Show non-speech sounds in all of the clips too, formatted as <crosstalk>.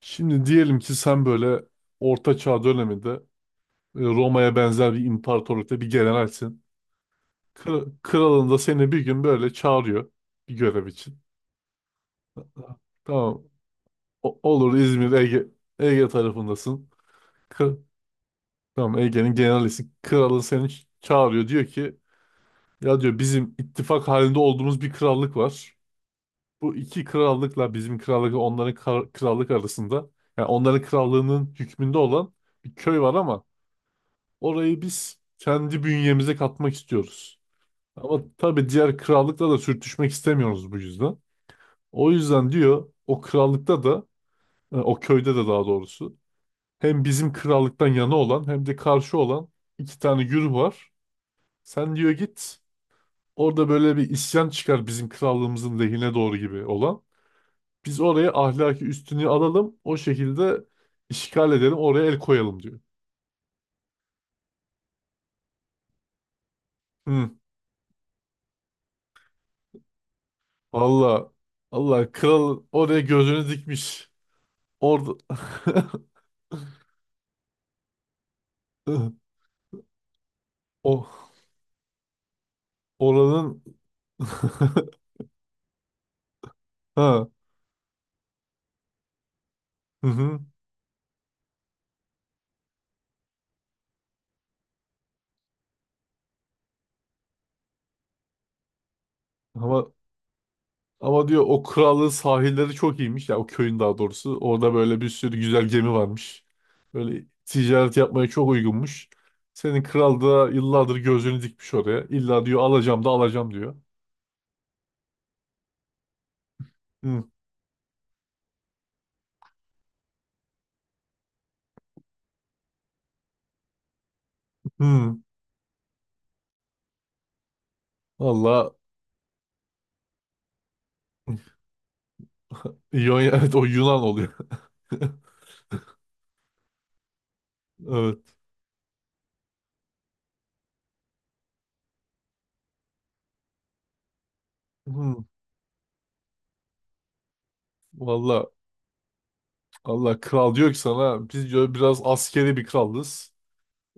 Şimdi diyelim ki sen böyle Orta Çağ döneminde Roma'ya benzer bir imparatorlukta bir generalsin. Kralın da seni bir gün böyle çağırıyor bir görev için. Tamam. Olur, İzmir, Ege, Ege tarafındasın. Kı- tamam, Ege'nin generalisin. Kralın seni çağırıyor. Diyor ki ya diyor bizim ittifak halinde olduğumuz bir krallık var. Bu iki krallıkla bizim krallık onların krallık arasında, yani onların krallığının hükmünde olan bir köy var, ama orayı biz kendi bünyemize katmak istiyoruz. Ama tabii diğer krallıkla da sürtüşmek istemiyoruz bu yüzden. O yüzden diyor o krallıkta da o köyde de daha doğrusu hem bizim krallıktan yana olan hem de karşı olan iki tane güruh var. Sen diyor git, orada böyle bir isyan çıkar bizim krallığımızın lehine doğru gibi olan. Biz oraya ahlaki üstünlüğü alalım, o şekilde işgal edelim, oraya el koyalım diyor. Hı, valla Allah kral oraya gözünü dikmiş. Orada <laughs> o oranın <laughs> ha, hı hı. Ama ama diyor o krallığın sahilleri çok iyiymiş ya, o köyün daha doğrusu. Orada böyle bir sürü güzel gemi varmış. Böyle ticaret yapmaya çok uygunmuş. Senin kral da yıllardır gözünü dikmiş oraya. İlla diyor alacağım da alacağım diyor. Hı hı. Valla <laughs> evet, o Yunan oluyor. <laughs> Evet. Hı. Valla Allah kral diyor ki sana, biz diyor biraz askeri bir krallız.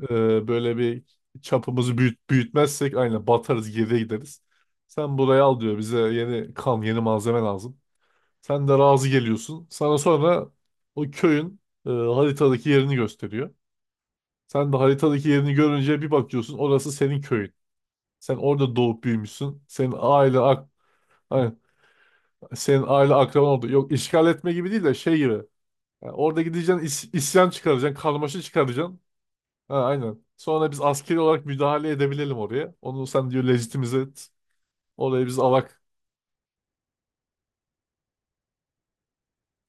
Böyle bir çapımızı büyütmezsek aynen batarız, geriye gideriz. Sen burayı al diyor, bize yeni kan, yeni malzeme lazım. Sen de razı geliyorsun. Sana sonra o köyün haritadaki yerini gösteriyor. Sen de haritadaki yerini görünce bir bakıyorsun orası senin köyün. Sen orada doğup büyümüşsün. Senin aile ak aynen, senin aile akraban oldu. Yok işgal etme gibi değil de şey gibi. Yani orada gideceksin, isyan çıkaracaksın, karmaşa çıkaracaksın. Ha, aynen. Sonra biz askeri olarak müdahale edebilelim oraya. Onu sen diyor legitimize et. Oraya biz alak.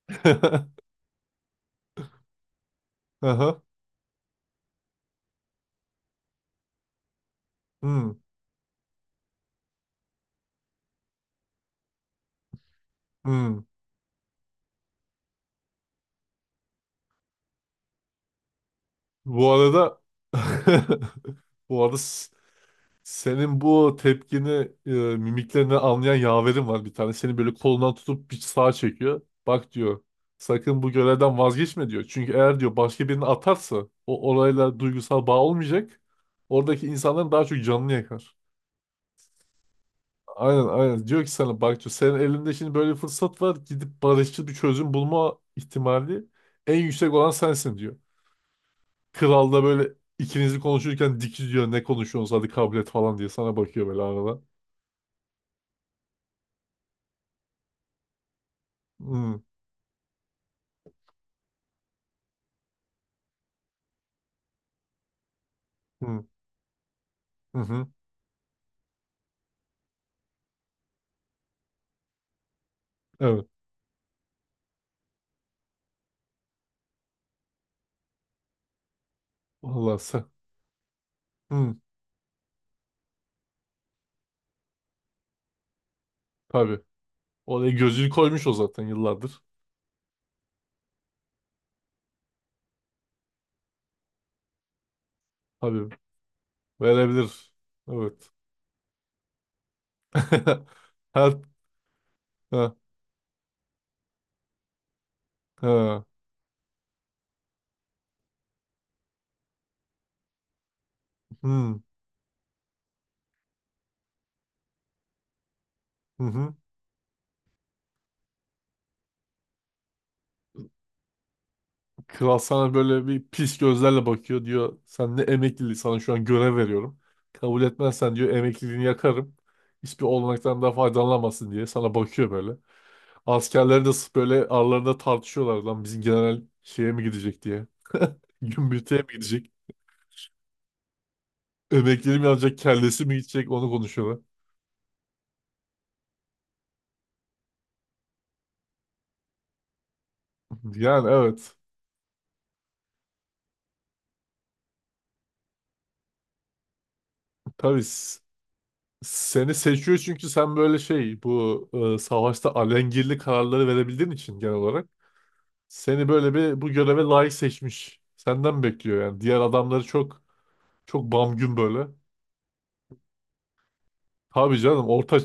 <laughs> Aha. Hmm, hmm. Bu arada <laughs> bu arada senin bu tepkini e, mimiklerini anlayan yaverim var bir tane. Seni böyle kolundan tutup bir sağa çekiyor. Bak diyor. Sakın bu görevden vazgeçme diyor. Çünkü eğer diyor başka birini atarsa o orayla duygusal bağ olmayacak. Oradaki insanların daha çok canını yakar. Aynen aynen. Diyor ki sana bak diyor, senin elinde şimdi böyle bir fırsat var. Gidip barışçıl bir çözüm bulma ihtimali en yüksek olan sensin diyor. Kral da böyle ikinizi konuşurken dikiz diyor, ne konuşuyorsunuz, hadi kabul et falan diye sana bakıyor böyle arada. Hı hı, hı hı. Evet. Vallahi sen. Hı, tabii. Oraya gözünü koymuş o zaten yıllardır. Tabii. Verebilir. Evet. <laughs> Her ha, ha. Hı hı, hı. Kral sana böyle bir pis gözlerle bakıyor diyor. Sen ne emekliliği, sana şu an görev veriyorum. Kabul etmezsen diyor emekliliğini yakarım. Hiçbir olanaktan da faydalanamazsın diye sana bakıyor böyle. Askerler de sırf böyle aralarında tartışıyorlar, lan bizim general şeye mi gidecek diye. <laughs> Gümbürtüye mi gidecek? Emekliliği mi alacak, kellesi mi gidecek onu konuşuyorlar. <laughs> Yani evet. Tabii, seni seçiyor çünkü sen böyle şey bu savaşta alengirli kararları verebildiğin için genel olarak. Seni böyle bir bu göreve layık seçmiş. Senden bekliyor yani. Diğer adamları çok çok bamgün böyle. Tabii canım,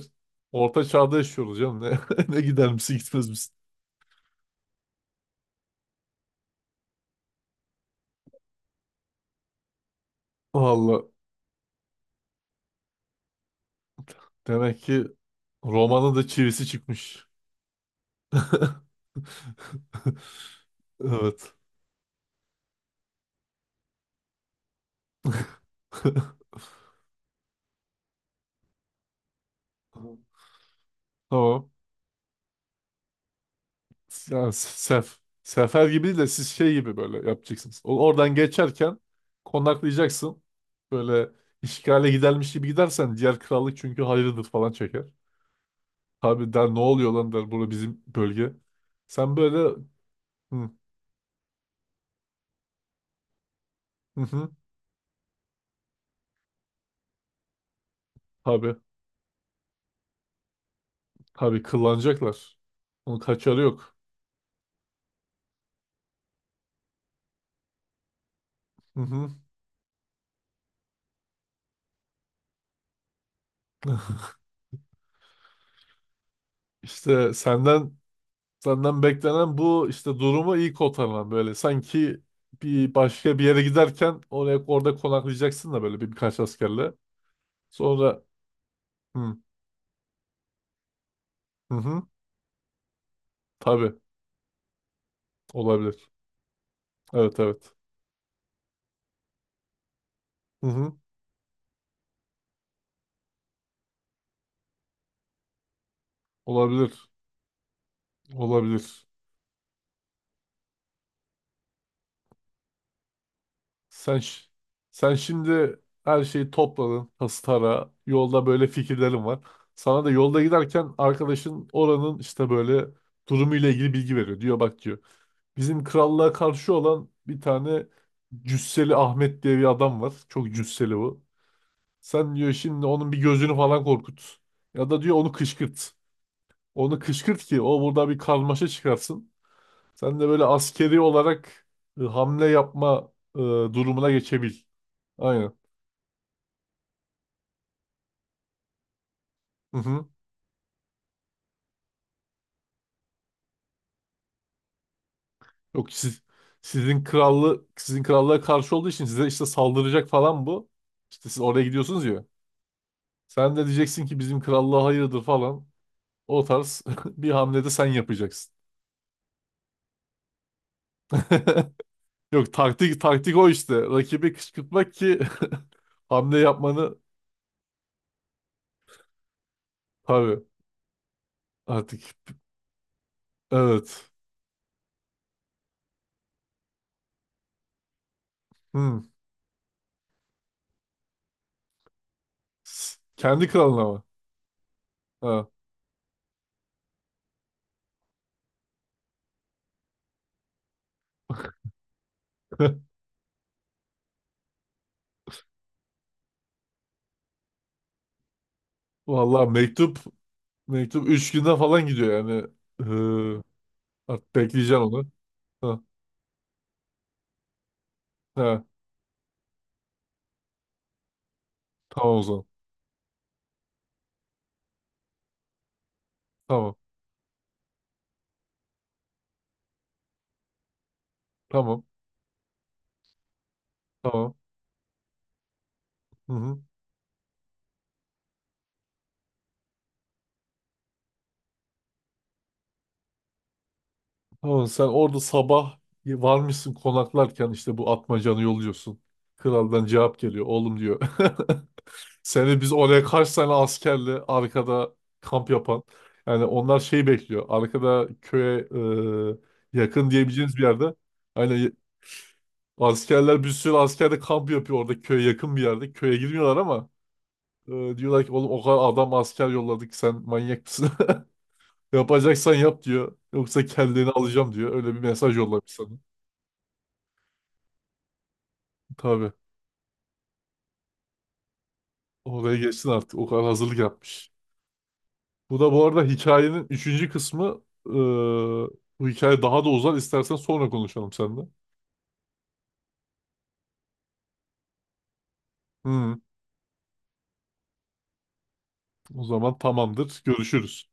orta çağda yaşıyoruz canım. Ne, <laughs> ne gider misin gitmez misin? Valla demek ki Roma'nın da çivisi çıkmış. <laughs> Evet. <laughs> Tamam. Yani sef. Sefer gibi değil de siz şey gibi böyle yapacaksınız. Oradan geçerken konaklayacaksın. Böyle işgale gidermiş gibi gidersen diğer krallık çünkü hayırdır falan çeker. Abi der ne oluyor lan der, burada bizim bölge. Sen böyle hı hı, hı abi, abi kıllanacaklar. Onun kaçarı yok. Hı hı. <laughs> İşte senden, senden beklenen bu işte, durumu iyi kotarman böyle sanki bir başka bir yere giderken oraya orada konaklayacaksın da böyle bir, birkaç askerle. Sonra hı hı, hı tabii olabilir. Evet evet. Hı hı olabilir. Olabilir. Sen ş- Sen şimdi her şeyi topladın hastara. Yolda böyle fikirlerin var. Sana da yolda giderken arkadaşın oranın işte böyle durumuyla ilgili bilgi veriyor. Diyor bak diyor. Bizim krallığa karşı olan bir tane Cüsseli Ahmet diye bir adam var. Çok cüsseli bu. Sen diyor şimdi onun bir gözünü falan korkut. Ya da diyor onu kışkırt. Onu kışkırt ki o burada bir karmaşa çıkarsın. Sen de böyle askeri olarak hamle yapma durumuna geçebil. Aynen. Hı hı. Yok siz sizin krallığa karşı olduğu için size işte saldıracak falan bu. İşte siz oraya gidiyorsunuz ya. Sen de diyeceksin ki bizim krallığa hayırdır falan. O tarz <laughs> bir hamlede sen yapacaksın. <laughs> Yok taktik, taktik o işte. Rakibi kışkırtmak ki <laughs> hamle yapmanı tabii artık evet. Hı. Kendi kralına mı? Ha. <laughs> Vallahi mektup mektup 3 günde falan gidiyor yani. Ee, artık bekleyeceğim onu. Ha. Ha. Tamam o zaman. Tamam. Tamam. Tamam. Hı hı. Tamam, sen orada sabah varmışsın, konaklarken işte bu atmacanı yolluyorsun. Kraldan cevap geliyor. Oğlum diyor. <laughs> Seni biz oraya kaç tane askerle arkada kamp yapan. Yani onlar şey bekliyor. Arkada köye yakın diyebileceğiniz bir yerde. Hani askerler, bir sürü asker de kamp yapıyor orada köye yakın bir yerde. Köye girmiyorlar ama e, diyorlar ki oğlum o kadar adam, asker yolladık, sen manyak mısın? Yapacaksan yap diyor. Yoksa kendini alacağım diyor. Öyle bir mesaj yollamış sana. Tabii. Oraya geçsin artık. O kadar hazırlık yapmış. Bu da bu arada hikayenin 3. kısmı. Ee, bu hikaye daha da uzar. İstersen sonra konuşalım seninle. Hı, o zaman tamamdır. Görüşürüz.